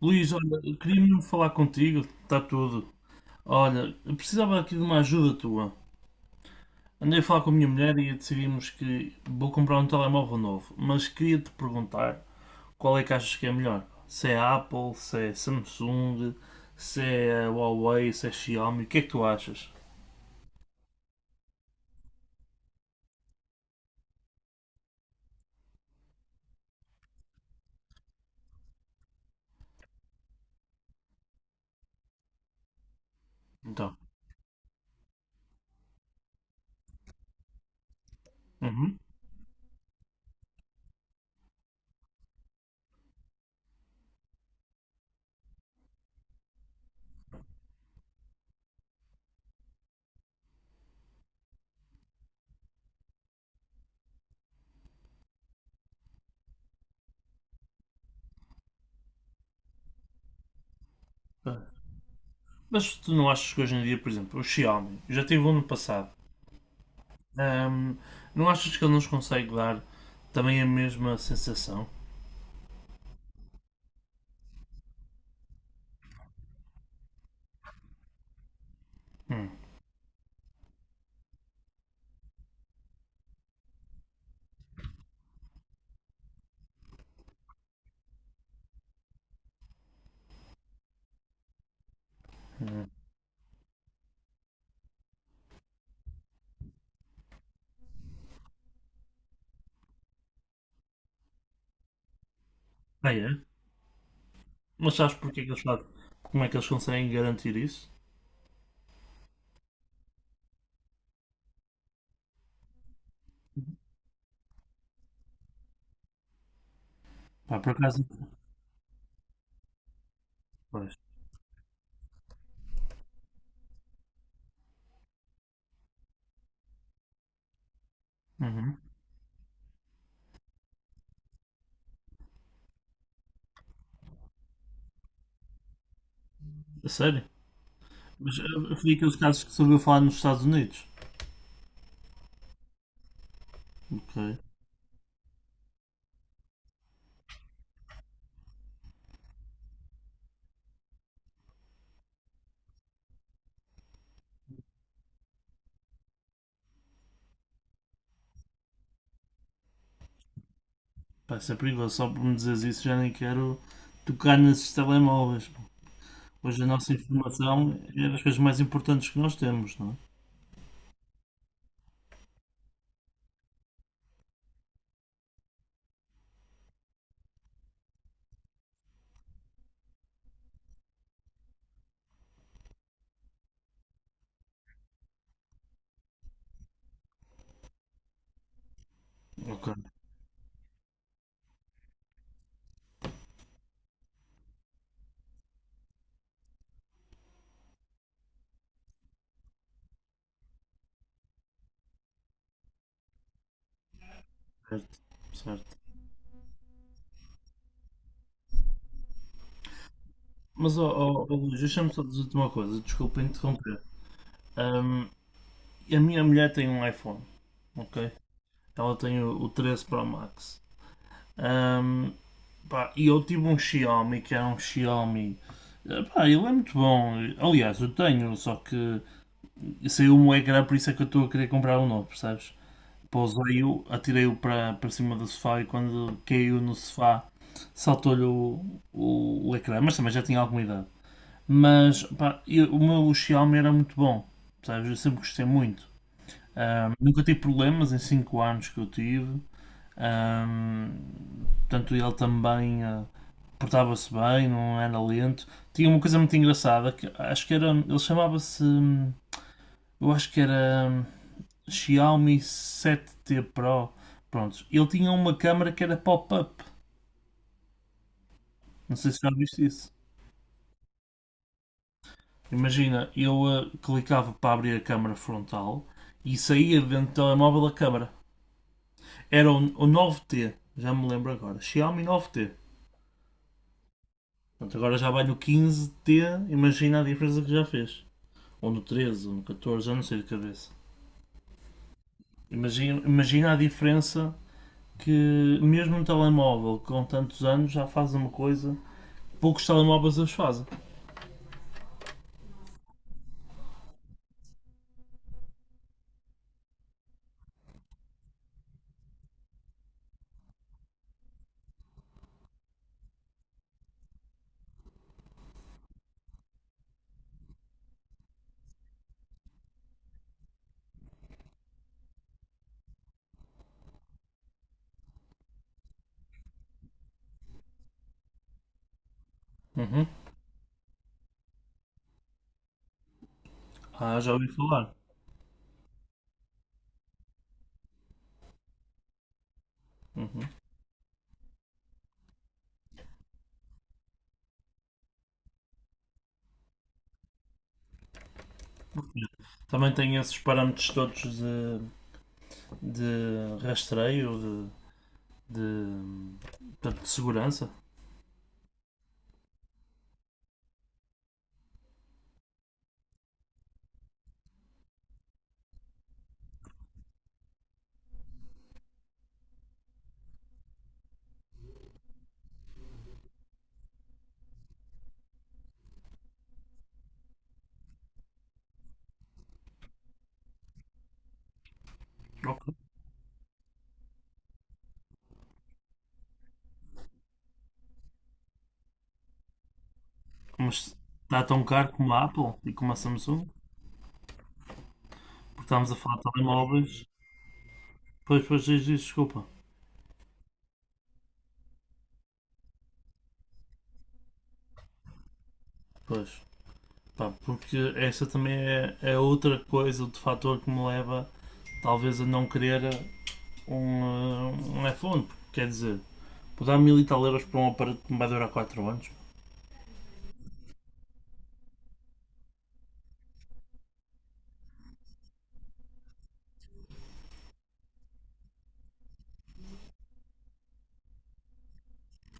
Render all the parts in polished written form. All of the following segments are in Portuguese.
Luís, olha, queria mesmo falar contigo, está tudo. Olha, eu precisava aqui de uma ajuda tua. Andei a falar com a minha mulher e decidimos que vou comprar um telemóvel novo, mas queria-te perguntar qual é que achas que é melhor? Se é Apple, se é Samsung, se é Huawei, se é Xiaomi, o que é que tu achas? Então, uhum. Ah, Mas tu não achas que hoje em dia, por exemplo, o Xiaomi, eu já tive um no passado, ahm, não achas que ele nos consegue dar também a mesma sensação? Hum, hum. Ah, é? Mas sabes porque é que eles fazem? Como é que eles conseguem garantir isso? Pá, por acaso. Pois. Uhum. A sério? Mas foi aqueles casos que se ouviu falar nos Estados Unidos. Ok. Pá, isso é perigoso. Só por me dizeres isso já nem quero tocar nesses telemóveis. Hoje a nossa informação é das coisas mais importantes que nós temos, não é? Ok. Certo. Certo. Mas, ó, ó, ó, Luís, deixa-me só dizer-te uma coisa. Desculpa interromper. Ahm, a minha mulher tem um iPhone, ok? Ela tem o 13 Pro Max. Ahm, Pá, e eu tive um Xiaomi que era um Xiaomi. Pá, ele é muito bom. Aliás, eu tenho, só que saiu um ecrã, por isso é que eu estou a querer comprar um novo, percebes? Pousei-o, atirei-o para cima do sofá e quando caiu no sofá saltou-lhe o ecrã, mas também já tinha alguma idade. Mas pá, o meu Xiaomi era muito bom, percebes? Eu sempre gostei muito. Ah, nunca tive problemas em 5 anos que eu tive. Portanto, ele também portava-se bem, não era lento. Tinha uma coisa muito engraçada que acho que era. Ele chamava-se. Eu acho que era Xiaomi 7T Pro. Prontos. Ele tinha uma câmera que era pop-up. Não sei se já viste isso. Imagina, eu clicava para abrir a câmera frontal e saía dentro do telemóvel a câmera. Era o 9T, já me lembro agora. Xiaomi 9T. Portanto, agora já vale o 15T, imagina a diferença que já fez. Ou no 13, ou no 14, já não sei de cabeça. Imagina a diferença que mesmo um telemóvel com tantos anos já faz uma coisa poucos telemóveis as fazem. Uhum. Ah, já ouvi falar. Uhum. Também tem esses parâmetros todos de rastreio, de, de segurança. Ok. Mas está tão caro como a Apple e como a Samsung. Porque estamos a falar de telemóveis. Pois, pois, diz, diz, desculpa. Pois. Pá, porque essa também é, é outra coisa, outro fator que me leva talvez a não querer um, um iPhone. Porque, quer dizer, vou dar 1000 e tal € para um aparelho que me vai durar 4 anos.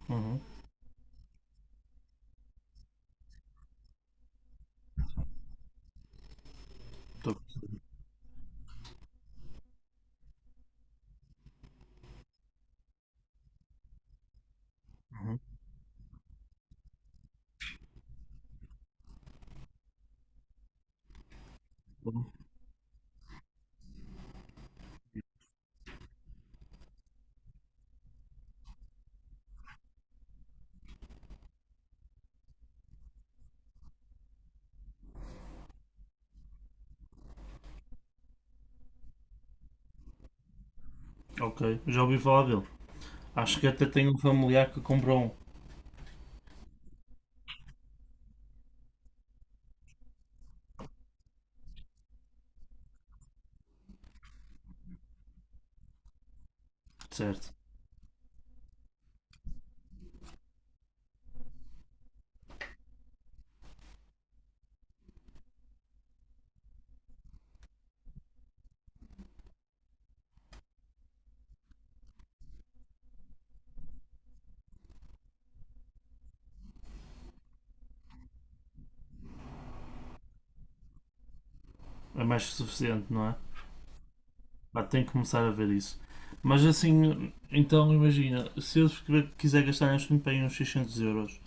Uhum. Tô- uhum. Bom, ok, já ouvi falar dele. Acho que até tenho um familiar que comprou um. Certo. É mais que suficiente, não é? Pá, tenho que começar a ver isso. Mas assim, então imagina, se eu quiser gastar neste momento aí uns 600 euros,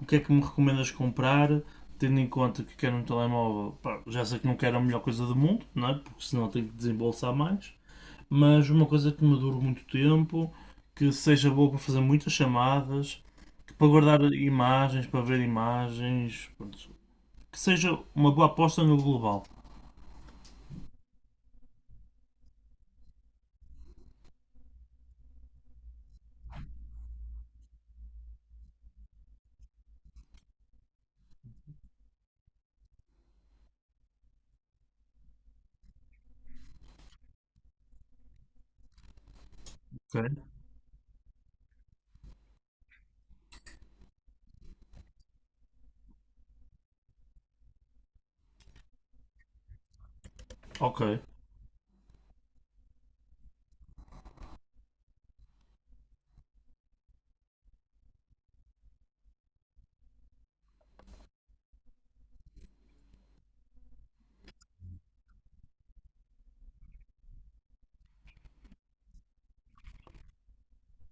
o que é que me recomendas comprar, tendo em conta que quero um telemóvel, pá, já sei que não quero a melhor coisa do mundo, não é? Porque senão tenho que desembolsar mais, mas uma coisa que me dure muito tempo, que seja boa para fazer muitas chamadas, que para guardar imagens, para ver imagens, pronto, que seja uma boa aposta no global. Ok. Ok,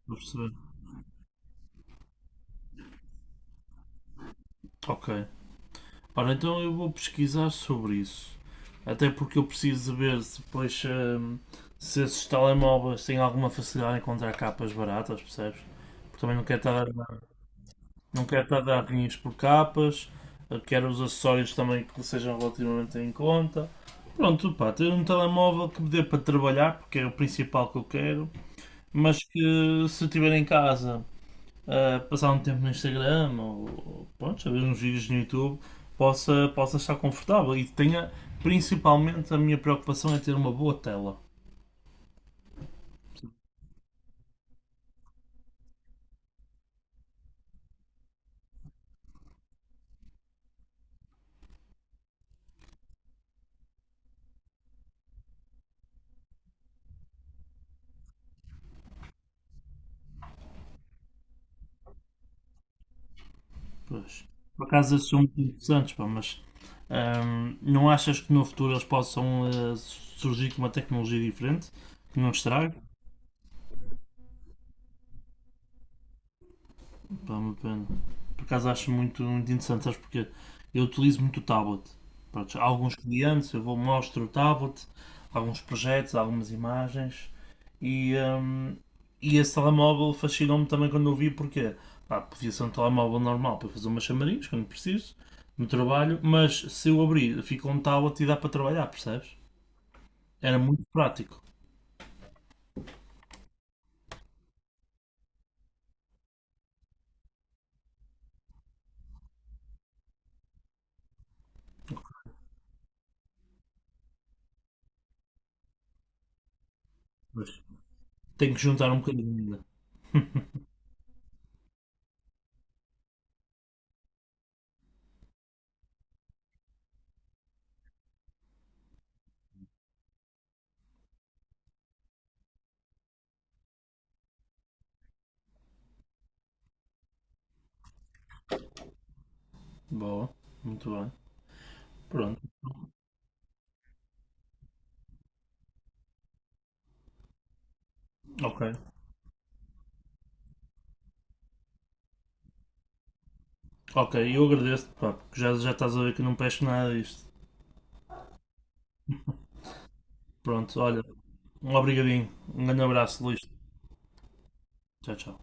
estou a perceber. Ok. Ora, então eu vou pesquisar sobre isso. Até porque eu preciso de ver se depois se esses telemóveis têm alguma facilidade em encontrar capas baratas, percebes? Porque também não quero estar a dar, não quero estar a dar rinhas por capas, eu quero os acessórios também que sejam relativamente em conta. Pronto, pá, ter um telemóvel que me dê para trabalhar, porque é o principal que eu quero, mas que se eu estiver em casa passar um tempo no Instagram ou, pronto, a ver uns vídeos no YouTube, possa estar confortável e tenha principalmente a minha preocupação é ter uma boa tela. Pois. Por acaso esses são muito interessantes, pá, mas não achas que no futuro eles possam surgir com uma tecnologia diferente que não estrague? Pá, uma pena. Por acaso acho muito, muito interessante, sabes porque eu utilizo muito o tablet. Pronto, há alguns clientes, eu vou mostro o tablet, alguns projetos, algumas imagens e e esse telemóvel fascinou-me também quando eu vi porque pá, podia ser um telemóvel normal para fazer umas chamarinhas quando preciso, no trabalho, mas se eu abrir, fica um tablet e dá para trabalhar, percebes? Era muito prático. Mas tenho que juntar um bocadinho ainda. Boa, muito bem. Pronto, ok. Ok, eu agradeço-te, pá, porque já, já estás a ver que não peço nada disto. Pronto, olha, um obrigadinho, um grande abraço, Luís. Tchau, tchau.